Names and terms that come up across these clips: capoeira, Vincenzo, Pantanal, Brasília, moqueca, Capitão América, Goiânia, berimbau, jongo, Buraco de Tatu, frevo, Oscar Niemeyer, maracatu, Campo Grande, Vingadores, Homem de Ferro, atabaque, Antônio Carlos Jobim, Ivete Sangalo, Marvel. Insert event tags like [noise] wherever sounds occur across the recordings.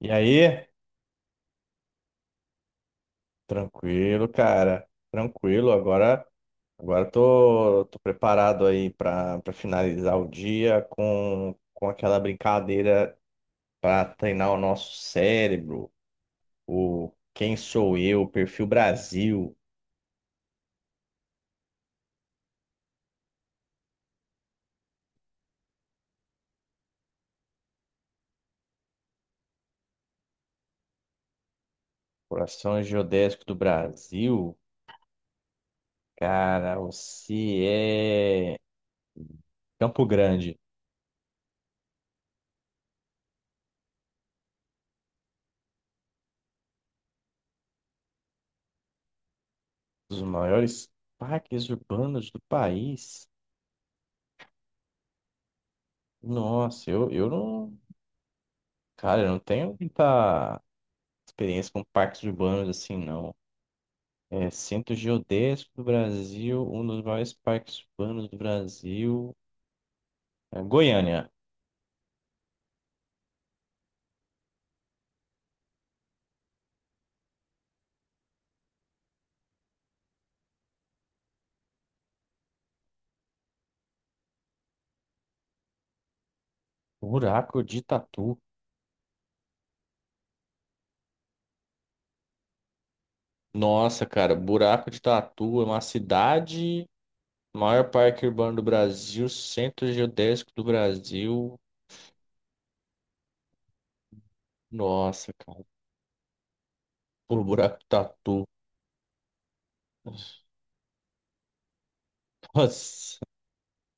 E aí? Tranquilo, cara. Tranquilo. Agora, agora tô preparado aí para finalizar o dia com aquela brincadeira para treinar o nosso cérebro, o Quem Sou Eu, Perfil Brasil, Coração Geodésico do Brasil. Cara, você é Campo Grande, dos maiores parques urbanos do país. Nossa, eu não, cara, eu não tenho muita experiência com parques urbanos assim, não. É, Centro Geodésico do Brasil, um dos maiores parques urbanos do Brasil. É, Goiânia. Buraco de Tatu. Nossa, cara, Buraco de Tatu é uma cidade, maior parque urbano do Brasil, Centro Geodésico do Brasil. Nossa, cara, por Buraco de Tatu. Nossa.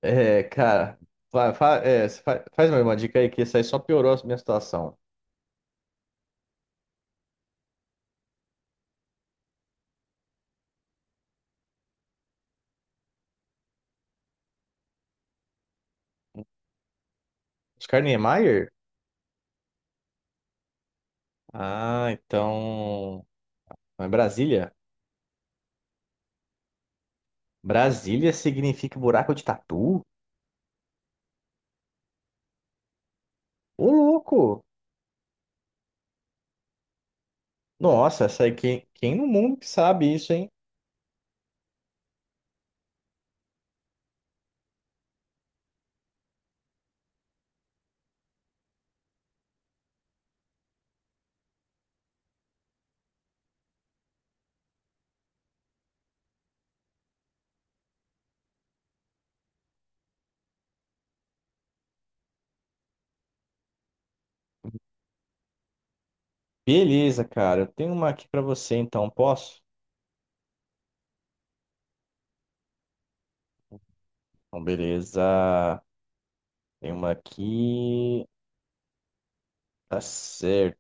É, cara, faz mais uma dica aí que isso aí só piorou a minha situação. Oscar Niemeyer? Ah, então. Mas Brasília? Brasília significa buraco de tatu? Ô, louco! Nossa, essa aí, quem no mundo que sabe isso, hein? Beleza, cara. Eu tenho uma aqui pra você, então, posso? Então, beleza. Tem uma aqui. Tá certo.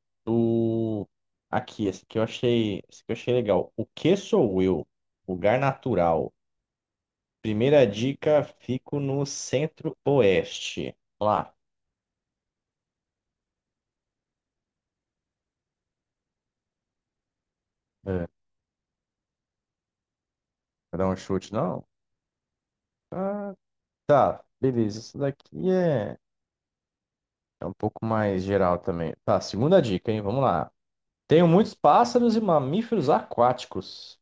Aqui, essa aqui eu achei legal. O que sou eu? Lugar natural. Primeira dica, fico no centro-oeste. Vamos lá. É, vai dar um chute, não? Ah, tá, beleza. Isso daqui é, é um pouco mais geral também. Tá, segunda dica, hein? Vamos lá. Tenho muitos pássaros e mamíferos aquáticos.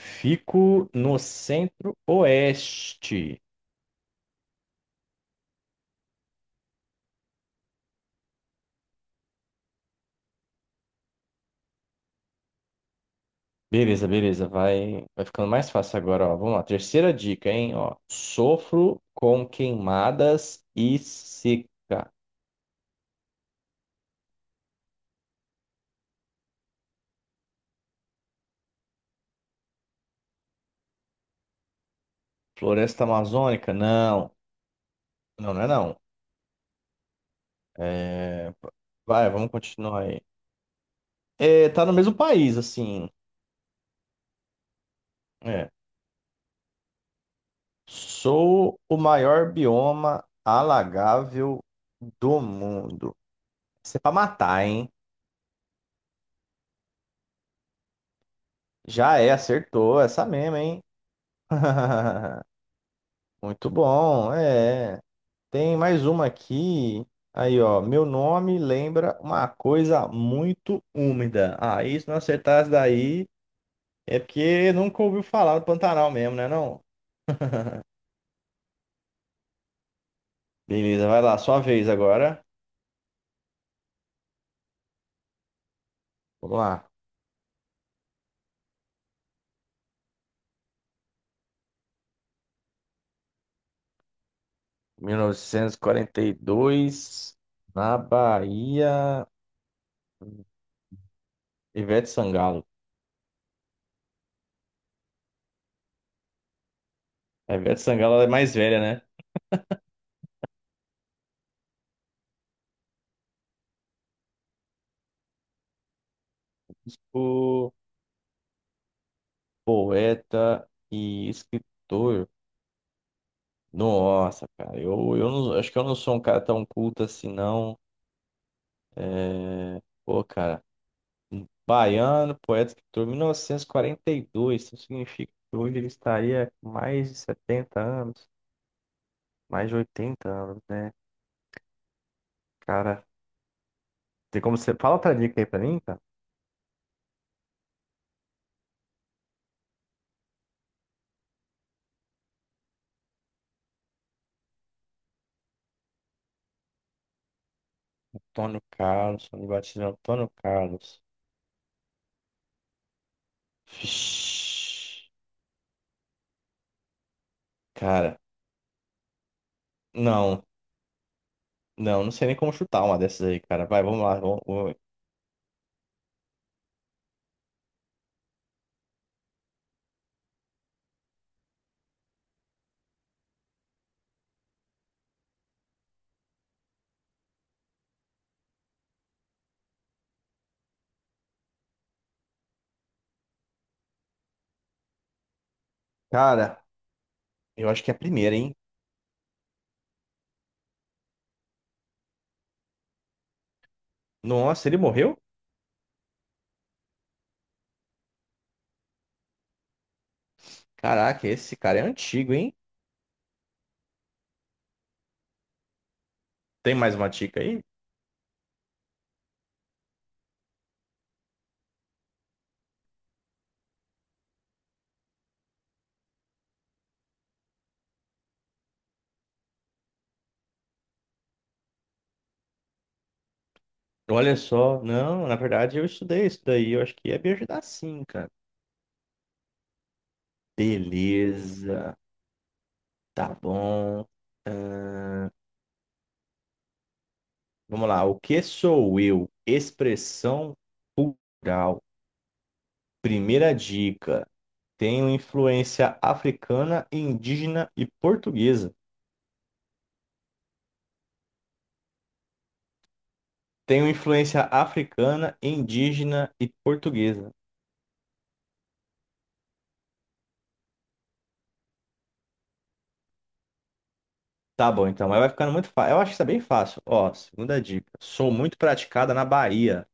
Fico no centro-oeste. Beleza, beleza. Vai ficando mais fácil agora, ó. Vamos lá. Terceira dica, hein? Ó, sofro com queimadas e seca. Floresta amazônica? Não. Não, não é não. É, vai, vamos continuar aí. É, tá no mesmo país, assim. É, sou o maior bioma alagável do mundo. Isso é pra matar, hein? Já é, acertou. Essa mesmo, hein? [laughs] Muito bom, é. Tem mais uma aqui. Aí, ó. Meu nome lembra uma coisa muito úmida. Aí, se não acertar daí, é porque nunca ouviu falar do Pantanal mesmo, né, não? Beleza, vai lá, sua vez agora. Vamos lá. Mil novecentos e quarenta e dois na Bahia, Ivete Sangalo. A Ivete Sangalo ela é mais velha, né? Tipo, poeta e escritor. Nossa, cara, eu não, acho que eu não sou um cara tão culto assim, não. É... Pô, cara, um baiano, poeta, escritor, mil novecentos e quarenta e dois, isso significa que hoje ele estaria com mais de 70 anos, mais de 80 anos, né? Cara, tem como você... Fala outra dica aí pra mim, cara. Antônio Carlos, Antônio Batista, Antônio Carlos. Vixe, cara, não, não, não sei nem como chutar uma dessas aí, cara. Vai, vamos lá. Cara, eu acho que é a primeira, hein? Nossa, ele morreu? Caraca, esse cara é antigo, hein? Tem mais uma dica aí? Olha só, não, na verdade eu estudei isso daí, eu acho que ia me ajudar sim, cara. Beleza, tá bom. Ahn, vamos lá, o que sou eu? Expressão plural. Primeira dica. Tenho influência africana, indígena e portuguesa. Tenho influência africana, indígena e portuguesa. Tá bom, então, mas vai ficando muito fácil. Eu acho que isso é bem fácil. Ó, segunda dica. Sou muito praticada na Bahia.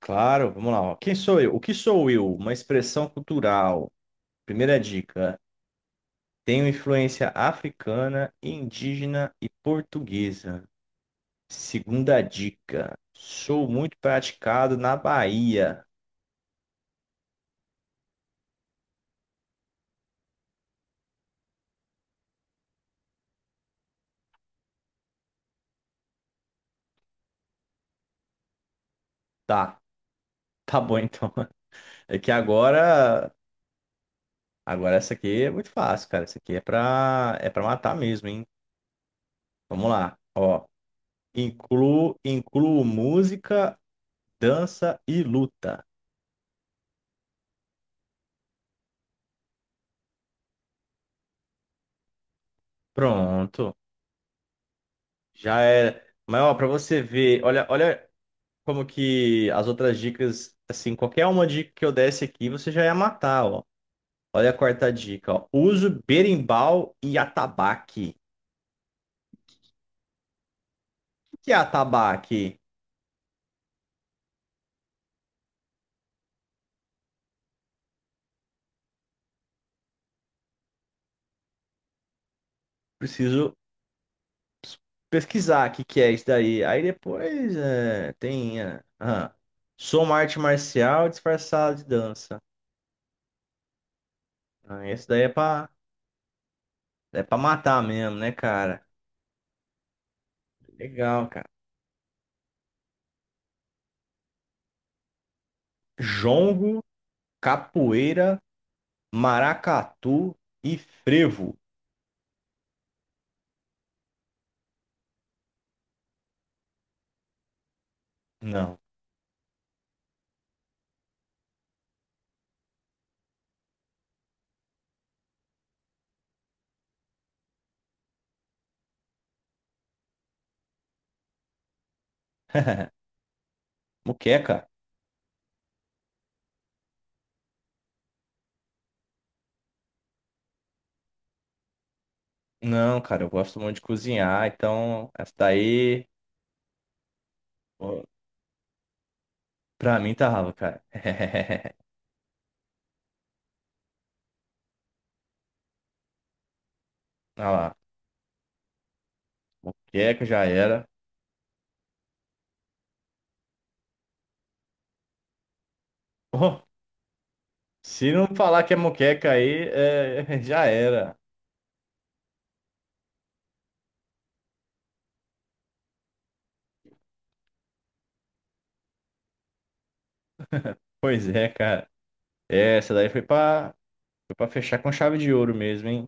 Claro, vamos lá. Ó. Quem sou eu? O que sou eu? Uma expressão cultural. Primeira dica. Tenho influência africana, indígena e portuguesa. Segunda dica. Sou muito praticado na Bahia. Tá, tá bom então. É que agora. Agora essa aqui é muito fácil, cara. Essa aqui é pra matar mesmo, hein? Vamos lá. Ó. Incluo música, dança e luta. Pronto. Já era. Mas, ó, pra você ver, olha como que as outras dicas, assim, qualquer uma dica que eu desse aqui, você já ia matar, ó. Olha a quarta dica, ó. Uso berimbau e atabaque. O que é atabaque? Preciso pesquisar o que é isso daí. Aí depois é, tem. É, ah, sou uma arte marcial disfarçada de dança. Ah, esse daí é pra matar mesmo, né, cara? Legal, cara. Jongo, capoeira, maracatu e frevo. Não. [laughs] Moqueca? Não, cara, eu gosto muito de cozinhar, então essa daí, ó, pra mim, tava, cara. [laughs] Olha lá, moqueca já era. [laughs] Se não falar que é moqueca aí, é, [laughs] já era. Pois é, cara. É, essa daí foi pra fechar com chave de ouro mesmo, hein?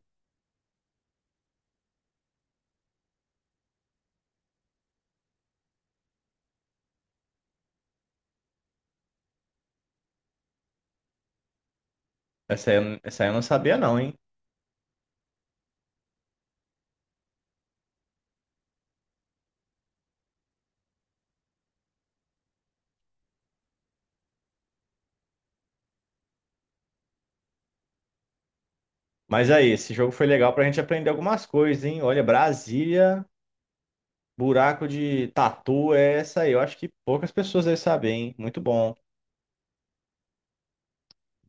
Essa aí, eu não, essa aí eu não sabia não, hein? Mas aí, esse jogo foi legal pra gente aprender algumas coisas, hein? Olha, Brasília, buraco de tatu, é essa aí. Eu acho que poucas pessoas devem saber, hein? Muito bom.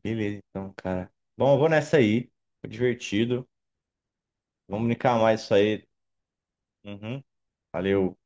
Beleza, então, cara. Bom, eu vou nessa aí. Foi divertido. Vamos brincar mais isso aí. Uhum. Valeu.